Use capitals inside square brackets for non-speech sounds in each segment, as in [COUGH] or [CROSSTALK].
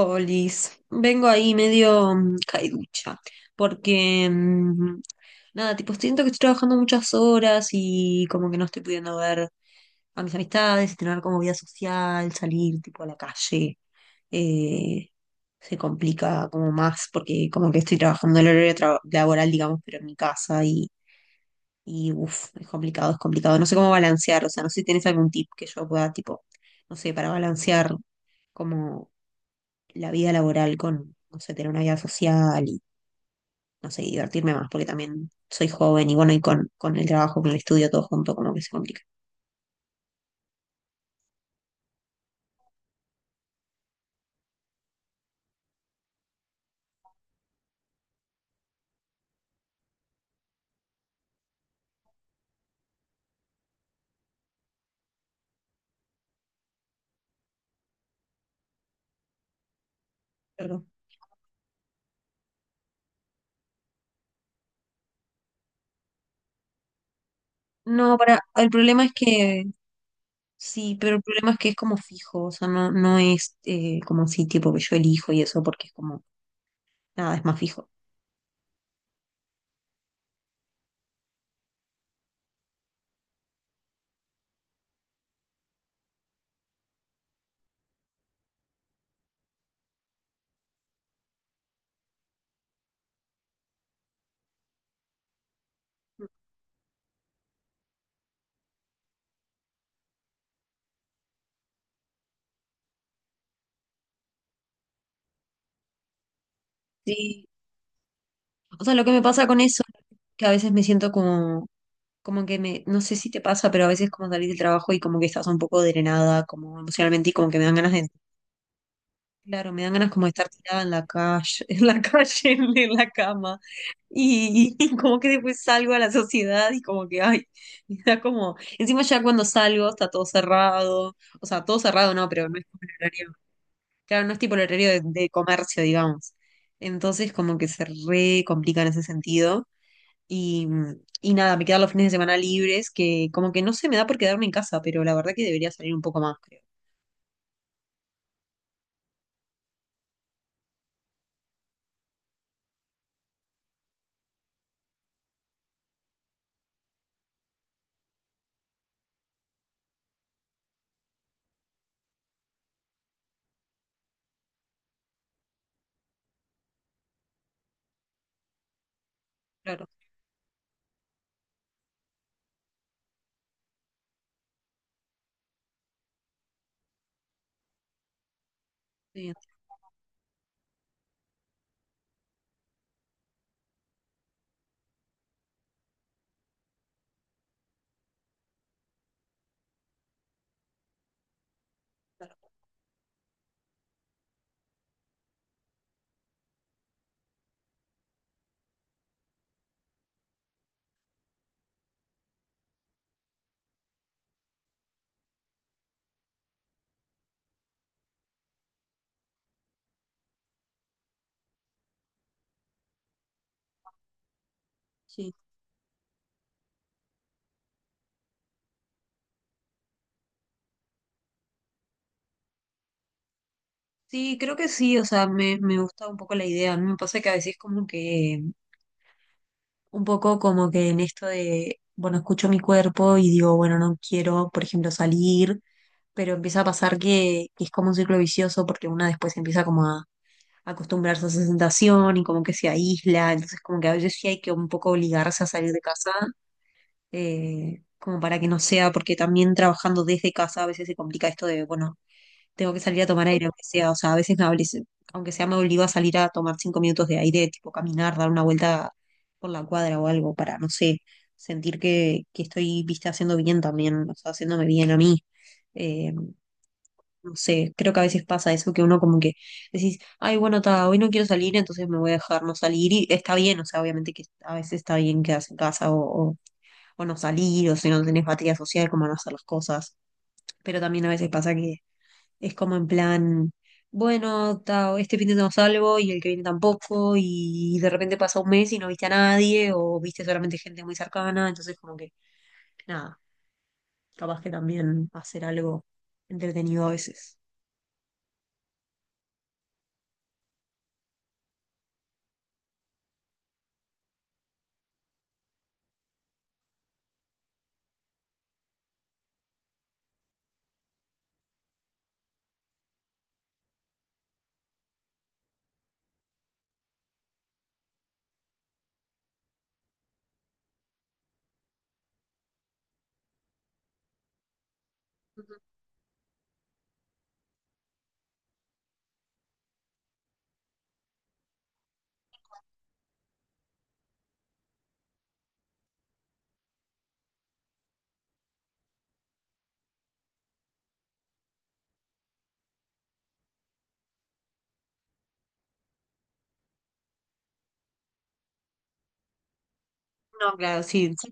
Olis, vengo ahí medio caiducha, porque nada, tipo, siento que estoy trabajando muchas horas y como que no estoy pudiendo ver a mis amistades, tener como vida social, salir tipo a la calle. eh, Se complica como más porque como que estoy trabajando el horario laboral, digamos, pero en mi casa y uff, es complicado, es complicado. No sé cómo balancear, o sea, no sé si tienes algún tip que yo pueda, tipo, no sé, para balancear. Como la vida laboral con, no sé, tener una vida social y, no sé, y divertirme más, porque también soy joven y bueno, y con el trabajo, con el estudio, todo junto, como que se complica. Pero, no, para, el problema es que, sí, pero el problema es que es como fijo, o sea, no, no es como así, tipo que yo elijo y eso, porque es como, nada, es más fijo. Sí, o sea, lo que me pasa con eso que a veces me siento como, como que me, no sé si te pasa, pero a veces como salís del trabajo y como que estás un poco drenada, como emocionalmente, y como que me dan ganas de... Claro, me dan ganas como de estar tirada en la calle, [LAUGHS] en la calle, en la cama. Y como que después salgo a la sociedad y como que, ay, [LAUGHS] me da como, encima ya cuando salgo está todo cerrado, o sea, todo cerrado no, pero no es como el horario, claro, no es tipo el horario de comercio, digamos. Entonces como que se re complica en ese sentido. Y, y nada, me quedan los fines de semana libres, que como que no se me da por quedarme en casa, pero la verdad que debería salir un poco más, creo. Claro, sí, claro. Sí. Sí, creo que sí, o sea, me gusta un poco la idea. A mí me pasa que a veces como que, un poco como que en esto de, bueno, escucho mi cuerpo y digo, bueno, no quiero, por ejemplo, salir, pero empieza a pasar que es como un ciclo vicioso porque una después empieza como a acostumbrarse a esa sensación y como que se aísla, entonces como que a veces sí hay que un poco obligarse a salir de casa, como para que no sea, porque también trabajando desde casa a veces se complica esto de, bueno, tengo que salir a tomar aire, aunque sea, o sea, a veces aunque sea me obligo a salir a tomar 5 minutos de aire, tipo caminar, dar una vuelta por la cuadra o algo para, no sé, sentir que estoy, viste, haciendo bien también, o sea, haciéndome bien a mí. Eh, no sé, creo que a veces pasa eso que uno como que decís, ay, bueno, ta, hoy no quiero salir, entonces me voy a dejar no salir y está bien, o sea, obviamente que a veces está bien quedarse en casa o no salir, o si no tenés batería social, como no hacer las cosas, pero también a veces pasa que es como en plan, bueno, este fin de no salgo y el que viene tampoco, y de repente pasa un mes y no viste a nadie, o viste solamente gente muy cercana, entonces como que, nada, capaz que también hacer algo entretenido a veces. No, claro, sí. Sí,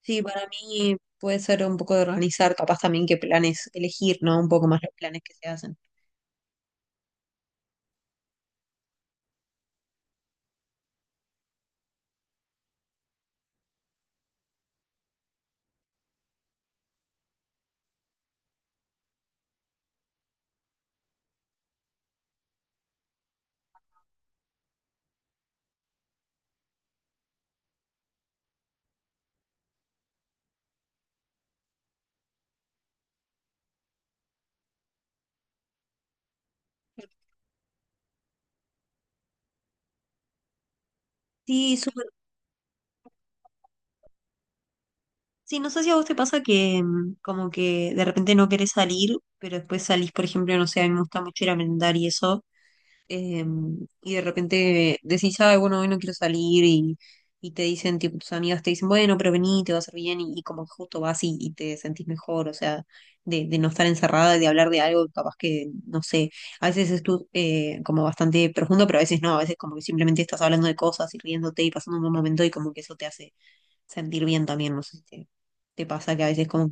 sí, para mí puede ser un poco de organizar, capaz también qué planes elegir, ¿no? Un poco más los planes que se hacen. Sí, súper. Sí, no sé si a vos te pasa que como que de repente no querés salir, pero después salís, por ejemplo, no sé, a mí me gusta mucho ir a merendar y eso y de repente decís, ay, bueno, hoy no quiero salir y te dicen, tipo, tus amigas te dicen, bueno, pero vení, te va a hacer bien y como que justo vas y te sentís mejor, o sea, de no estar encerrada, y de hablar de algo, capaz que, no sé, a veces es como bastante profundo, pero a veces no, a veces como que simplemente estás hablando de cosas y riéndote y pasando un buen momento y como que eso te hace sentir bien también, no sé si te, te pasa que a veces como...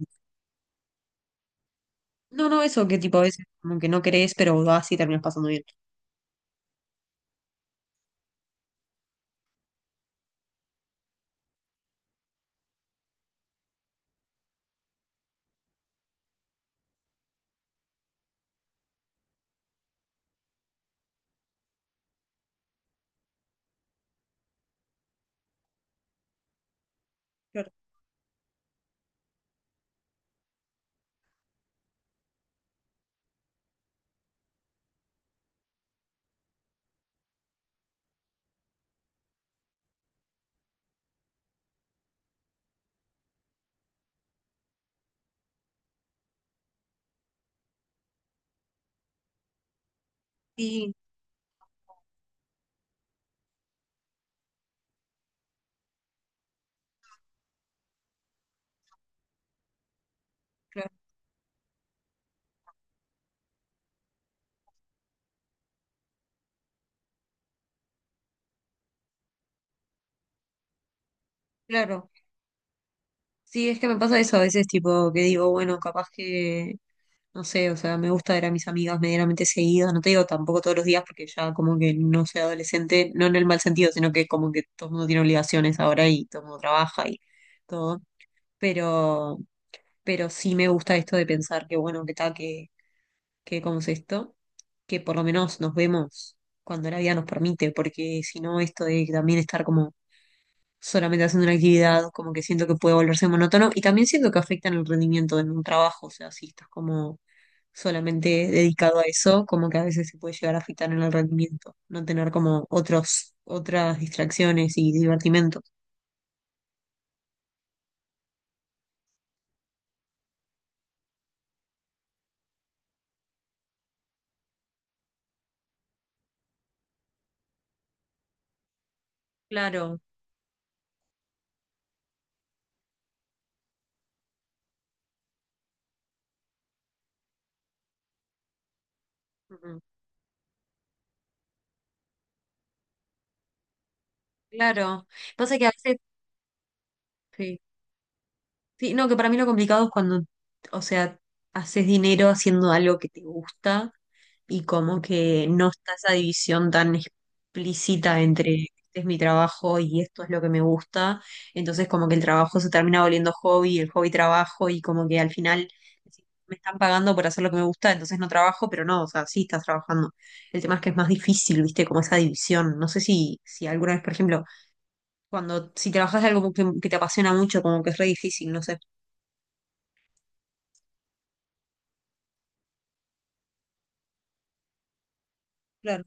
No, no, eso que tipo a veces como que no querés, pero vas y terminas pasando bien. Claro. Sí, claro, claro. Sí, es que me pasa eso a veces, tipo, que digo, bueno, capaz que, no sé, o sea, me gusta ver a mis amigas medianamente seguidas, no te digo tampoco todos los días, porque ya como que no soy adolescente, no en el mal sentido, sino que como que todo el mundo tiene obligaciones ahora y todo el mundo trabaja y todo, pero, pero sí me gusta esto de pensar que, bueno, que tal, que, ¿cómo es esto? Que por lo menos nos vemos cuando la vida nos permite, porque si no, esto de también estar como solamente haciendo una actividad, como que siento que puede volverse monótono y también siento que afectan el rendimiento en un trabajo, o sea, si estás como solamente dedicado a eso, como que a veces se puede llegar a afectar en el rendimiento, no tener como otros, otras distracciones y divertimentos. Claro, ujú, claro. Pasa que a veces, sí. Sí, no, que para mí lo complicado es cuando, o sea, haces dinero haciendo algo que te gusta y como que no está esa división tan explícita entre este es mi trabajo y esto es lo que me gusta. Entonces como que el trabajo se termina volviendo hobby, el hobby trabajo y como que al final decís, me están pagando por hacer lo que me gusta, entonces no trabajo, pero no, o sea, sí estás trabajando. El tema es que es más difícil, viste, como esa división. No sé si, si alguna vez, por ejemplo, cuando si trabajas de algo que te apasiona mucho, como que es re difícil, no sé. Claro,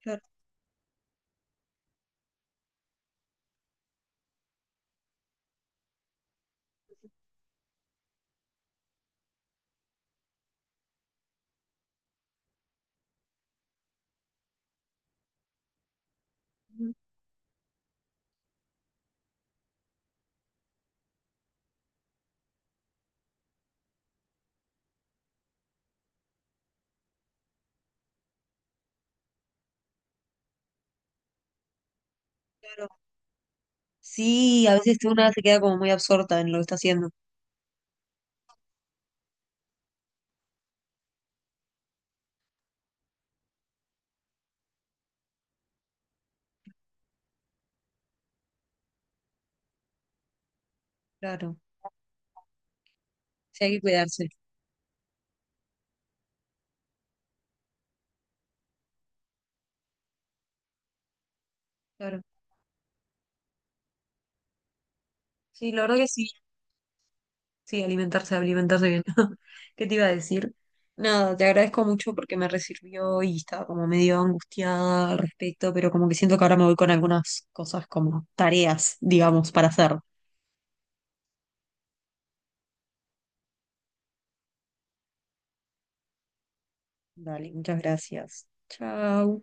claro, mm, claro. Sí, a veces una se queda como muy absorta en lo que está haciendo. Claro. Sí, hay que cuidarse. Claro. Sí, la verdad que sí. Sí, alimentarse, alimentarse bien. [LAUGHS] ¿Qué te iba a decir? Nada, te agradezco mucho porque me resirvió y estaba como medio angustiada al respecto, pero como que siento que ahora me voy con algunas cosas como tareas, digamos, para hacer. Dale, muchas gracias. Chao.